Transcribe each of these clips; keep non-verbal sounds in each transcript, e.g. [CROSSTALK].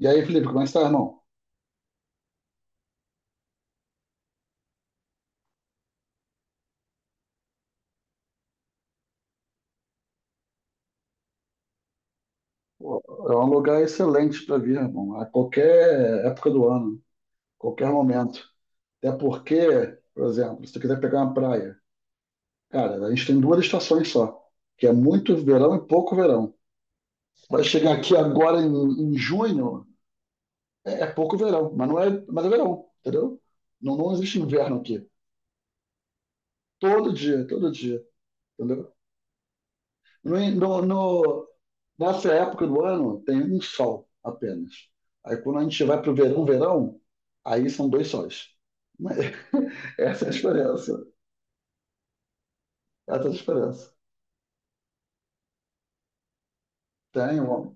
E aí, Felipe, como é que está, irmão? Pô, é um lugar excelente para vir, irmão, a qualquer época do ano, qualquer momento. Até porque, por exemplo, se tu quiser pegar uma praia, cara, a gente tem duas estações só, que é muito verão e pouco verão. Vai chegar aqui agora em junho, é pouco verão, mas é verão, entendeu? Não, não existe inverno aqui. Todo dia, entendeu? No, no, no- Nessa época do ano tem um sol apenas. Aí quando a gente vai para o verão, verão, aí são dois sóis. Mas [LAUGHS] essa é a diferença. Essa é a diferença. Tem, ó,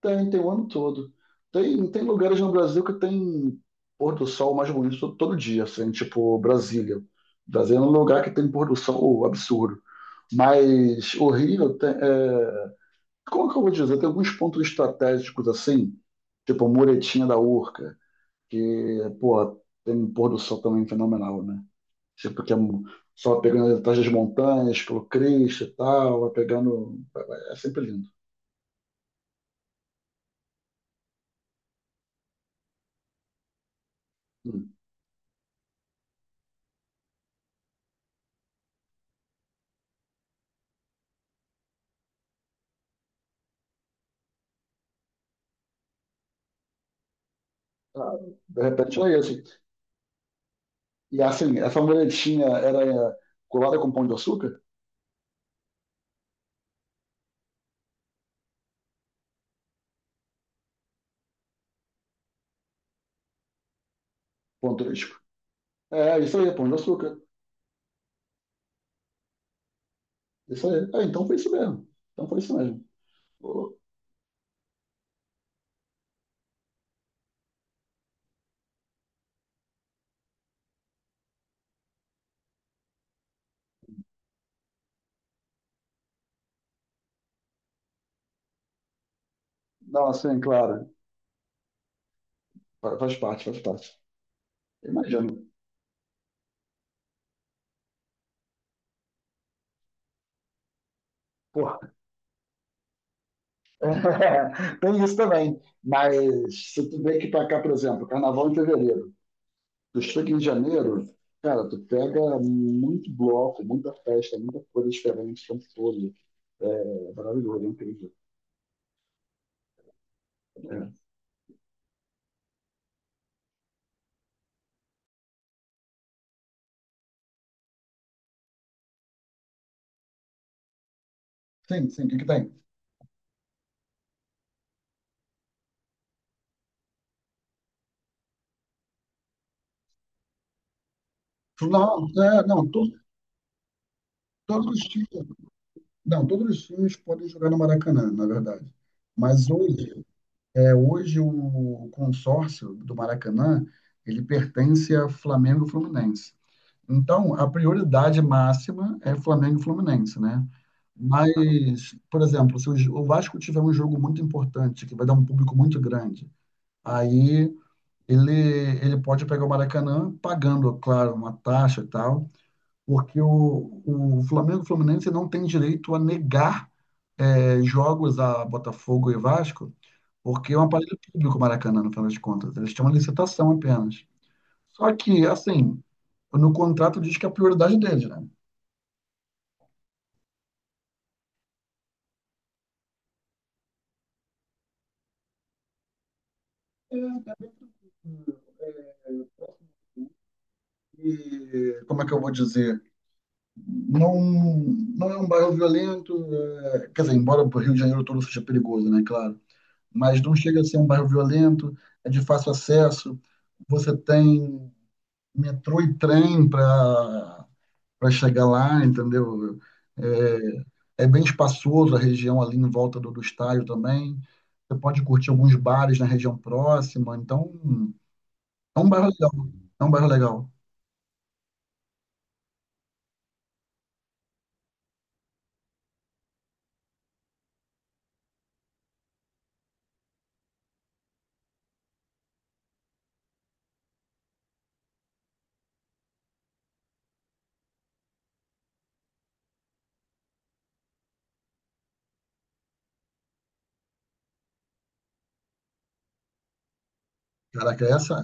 tem o ano todo. Tem lugares no Brasil que tem pôr do sol mais bonito todo, todo dia, assim, tipo Brasília. Brasília é um lugar que tem pôr do sol absurdo. Mas o Rio tem, como que eu vou dizer? Tem alguns pontos estratégicos assim, tipo a muretinha da Urca, que, pô, tem um pôr do sol também fenomenal, né? Tipo, que é um- só pegando atrás das montanhas, pelo Cristo e tal, vai pegando. É sempre lindo. Hum. Ah, de repente é isso. E assim, essa muretinha era, é, colada com Pão de Açúcar? Pão turístico. É, isso aí, pão de açúcar. Isso aí. É, então foi isso mesmo. Então foi isso mesmo. Pô, não, assim, claro, faz parte, faz parte. Imagino. Pô, [LAUGHS] tem isso também. Mas se tu vê que pra cá, por exemplo, carnaval em fevereiro, tu chega em janeiro, cara, tu pega muito bloco, muita festa, muita coisa diferente o tempo todo. É maravilhoso, é incrível. É. Sim, sim, o que que tem? Não, é, não, todos os times, não, todos os times podem jogar no Maracanã, na verdade. Mas hoje, hoje o consórcio do Maracanã, ele pertence a Flamengo e Fluminense. Então, a prioridade máxima é Flamengo e Fluminense, né? Mas, por exemplo, se o Vasco tiver um jogo muito importante, que vai dar um público muito grande, aí ele, ele, pode pegar o Maracanã pagando, claro, uma taxa e tal, porque o Flamengo e o Fluminense não tem direito a negar jogos a Botafogo e Vasco, porque é um aparelho público o Maracanã, no final das contas. Eles têm uma licitação apenas. Só que, assim, no contrato diz que é a prioridade deles, né? É, e, como é que eu vou dizer? Não, não é um bairro violento, quer dizer, embora o Rio de Janeiro todo seja perigoso, né, claro, mas não chega a ser um bairro violento, é de fácil acesso, você tem metrô e trem para chegar lá, entendeu? É, é bem espaçoso a região ali em volta do estádio também, você pode curtir alguns bares na região próxima, então é um bairro legal, é um bairro legal. Caraca, essa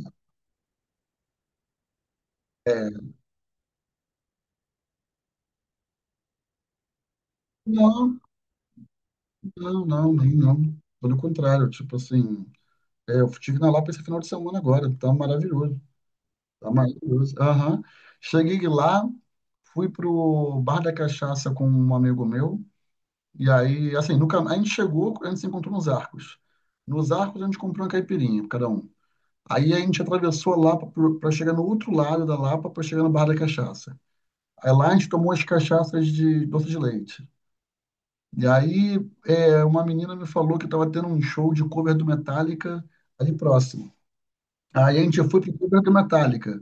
é. Não, não, não, nem não. Pelo contrário, tipo assim, eu estive na Lapa esse final de semana agora, tá maravilhoso. Tá maravilhoso. Aham. Cheguei lá, fui pro Bar da Cachaça com um amigo meu, e aí, assim, no, cam- a gente chegou, a gente se encontrou nos Arcos. Nos Arcos a gente comprou uma caipirinha, cada um. Aí a gente atravessou a Lapa pra chegar no outro lado da Lapa, pra chegar no Bar da Cachaça. Aí lá a gente tomou as cachaças de doce de leite. E aí, uma menina me falou que estava tendo um show de cover do Metallica ali próximo. Aí a gente foi pro cover do Metallica.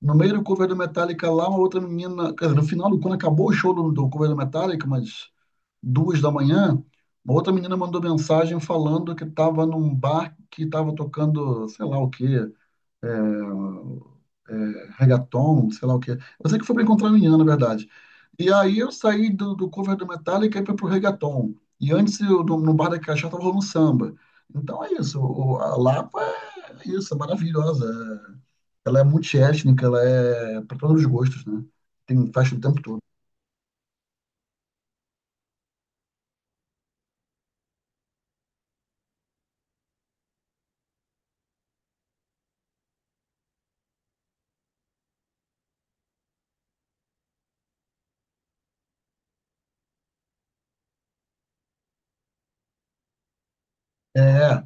No meio do cover do Metallica lá, uma outra menina, quer dizer, no final, quando acabou o show do cover do Metallica, mas 2 da manhã, uma outra menina mandou mensagem falando que estava num bar que estava tocando, sei lá o quê, é, reggaeton, sei lá o que. Eu sei que foi pra encontrar a menina, na verdade. E aí eu saí do, cover do Metallica e fui pro reggaeton. E antes, eu, no, no Bar da Cachaça, tava rolando samba. Então é isso, o- a Lapa é isso, é maravilhosa. Ela é multiétnica, ela é para todos os gostos, né? Tem festa o tempo todo. É,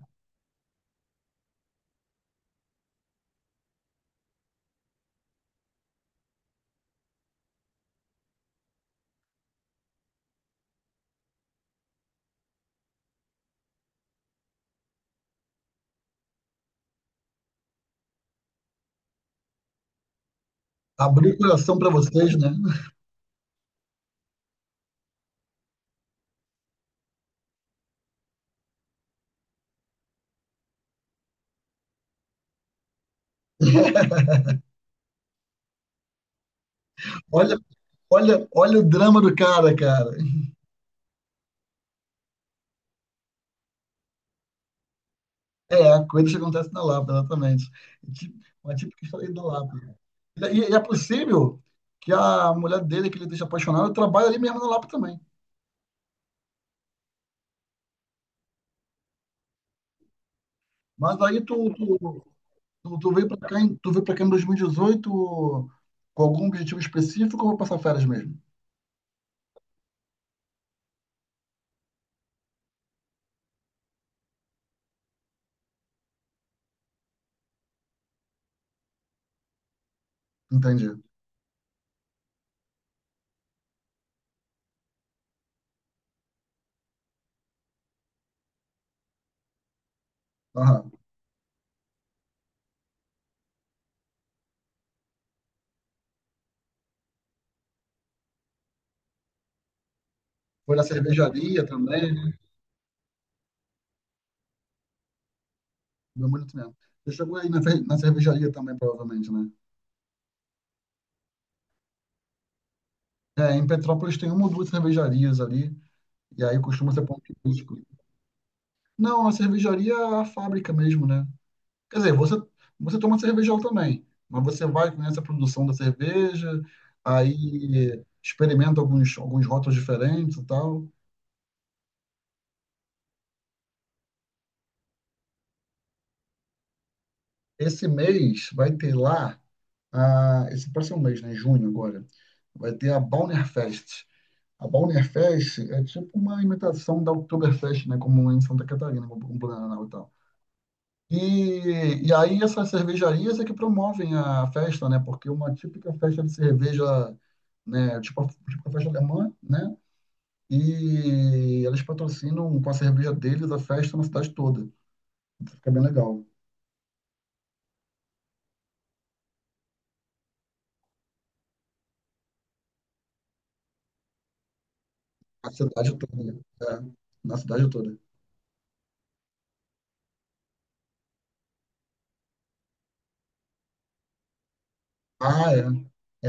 abrir o coração para vocês, né? [LAUGHS] Olha, olha, olha o drama do cara, cara. É, coisas que acontecem na Lapa, exatamente. Tipo- uma típica história da Lapa. E, é possível que a mulher dele, que ele deixa apaixonado, trabalhe ali mesmo na Lapa também. Mas aí tu veio para cá, tu veio para cá em 2018 com algum objetivo específico ou vou passar férias mesmo? Entendi. Aham. Foi na cervejaria também, né? Deu muito mesmo. Você chegou aí na, na cervejaria também, provavelmente, né? É, em Petrópolis tem uma ou duas cervejarias ali, e aí costuma ser ponto turístico. Não, a cervejaria é a fábrica mesmo, né? Quer dizer, você, toma cervejão também, mas você vai, conhece a produção da cerveja, aí experimenta alguns rótulos diferentes e tal. Esse mês vai ter lá, ah, esse próximo mês, né, junho agora, vai ter a Bauernfest. A Bauernfest é tipo uma imitação da Oktoberfest, né, como em Santa Catarina, como em Blumenau e tal. E, aí essas cervejarias é que promovem a festa, né? Porque uma típica festa de cerveja, né? Tipo a festa alemã, né? E eles patrocinam com a cerveja deles a festa na cidade toda. Então fica bem legal. Na cidade toda. É, na cidade toda. Ah, é.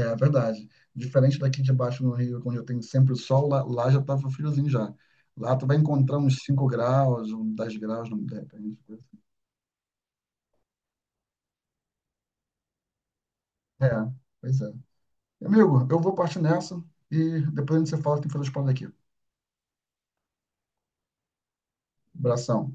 É verdade. Diferente daqui de baixo no Rio, onde eu tenho sempre o sol, lá já tava friozinho já. Lá tu vai encontrar uns 5 graus, uns 10 graus, não, de repente. É, pois é. Amigo, eu vou partir nessa e depois a gente se fala, tem que fazer os planos aqui. Abração.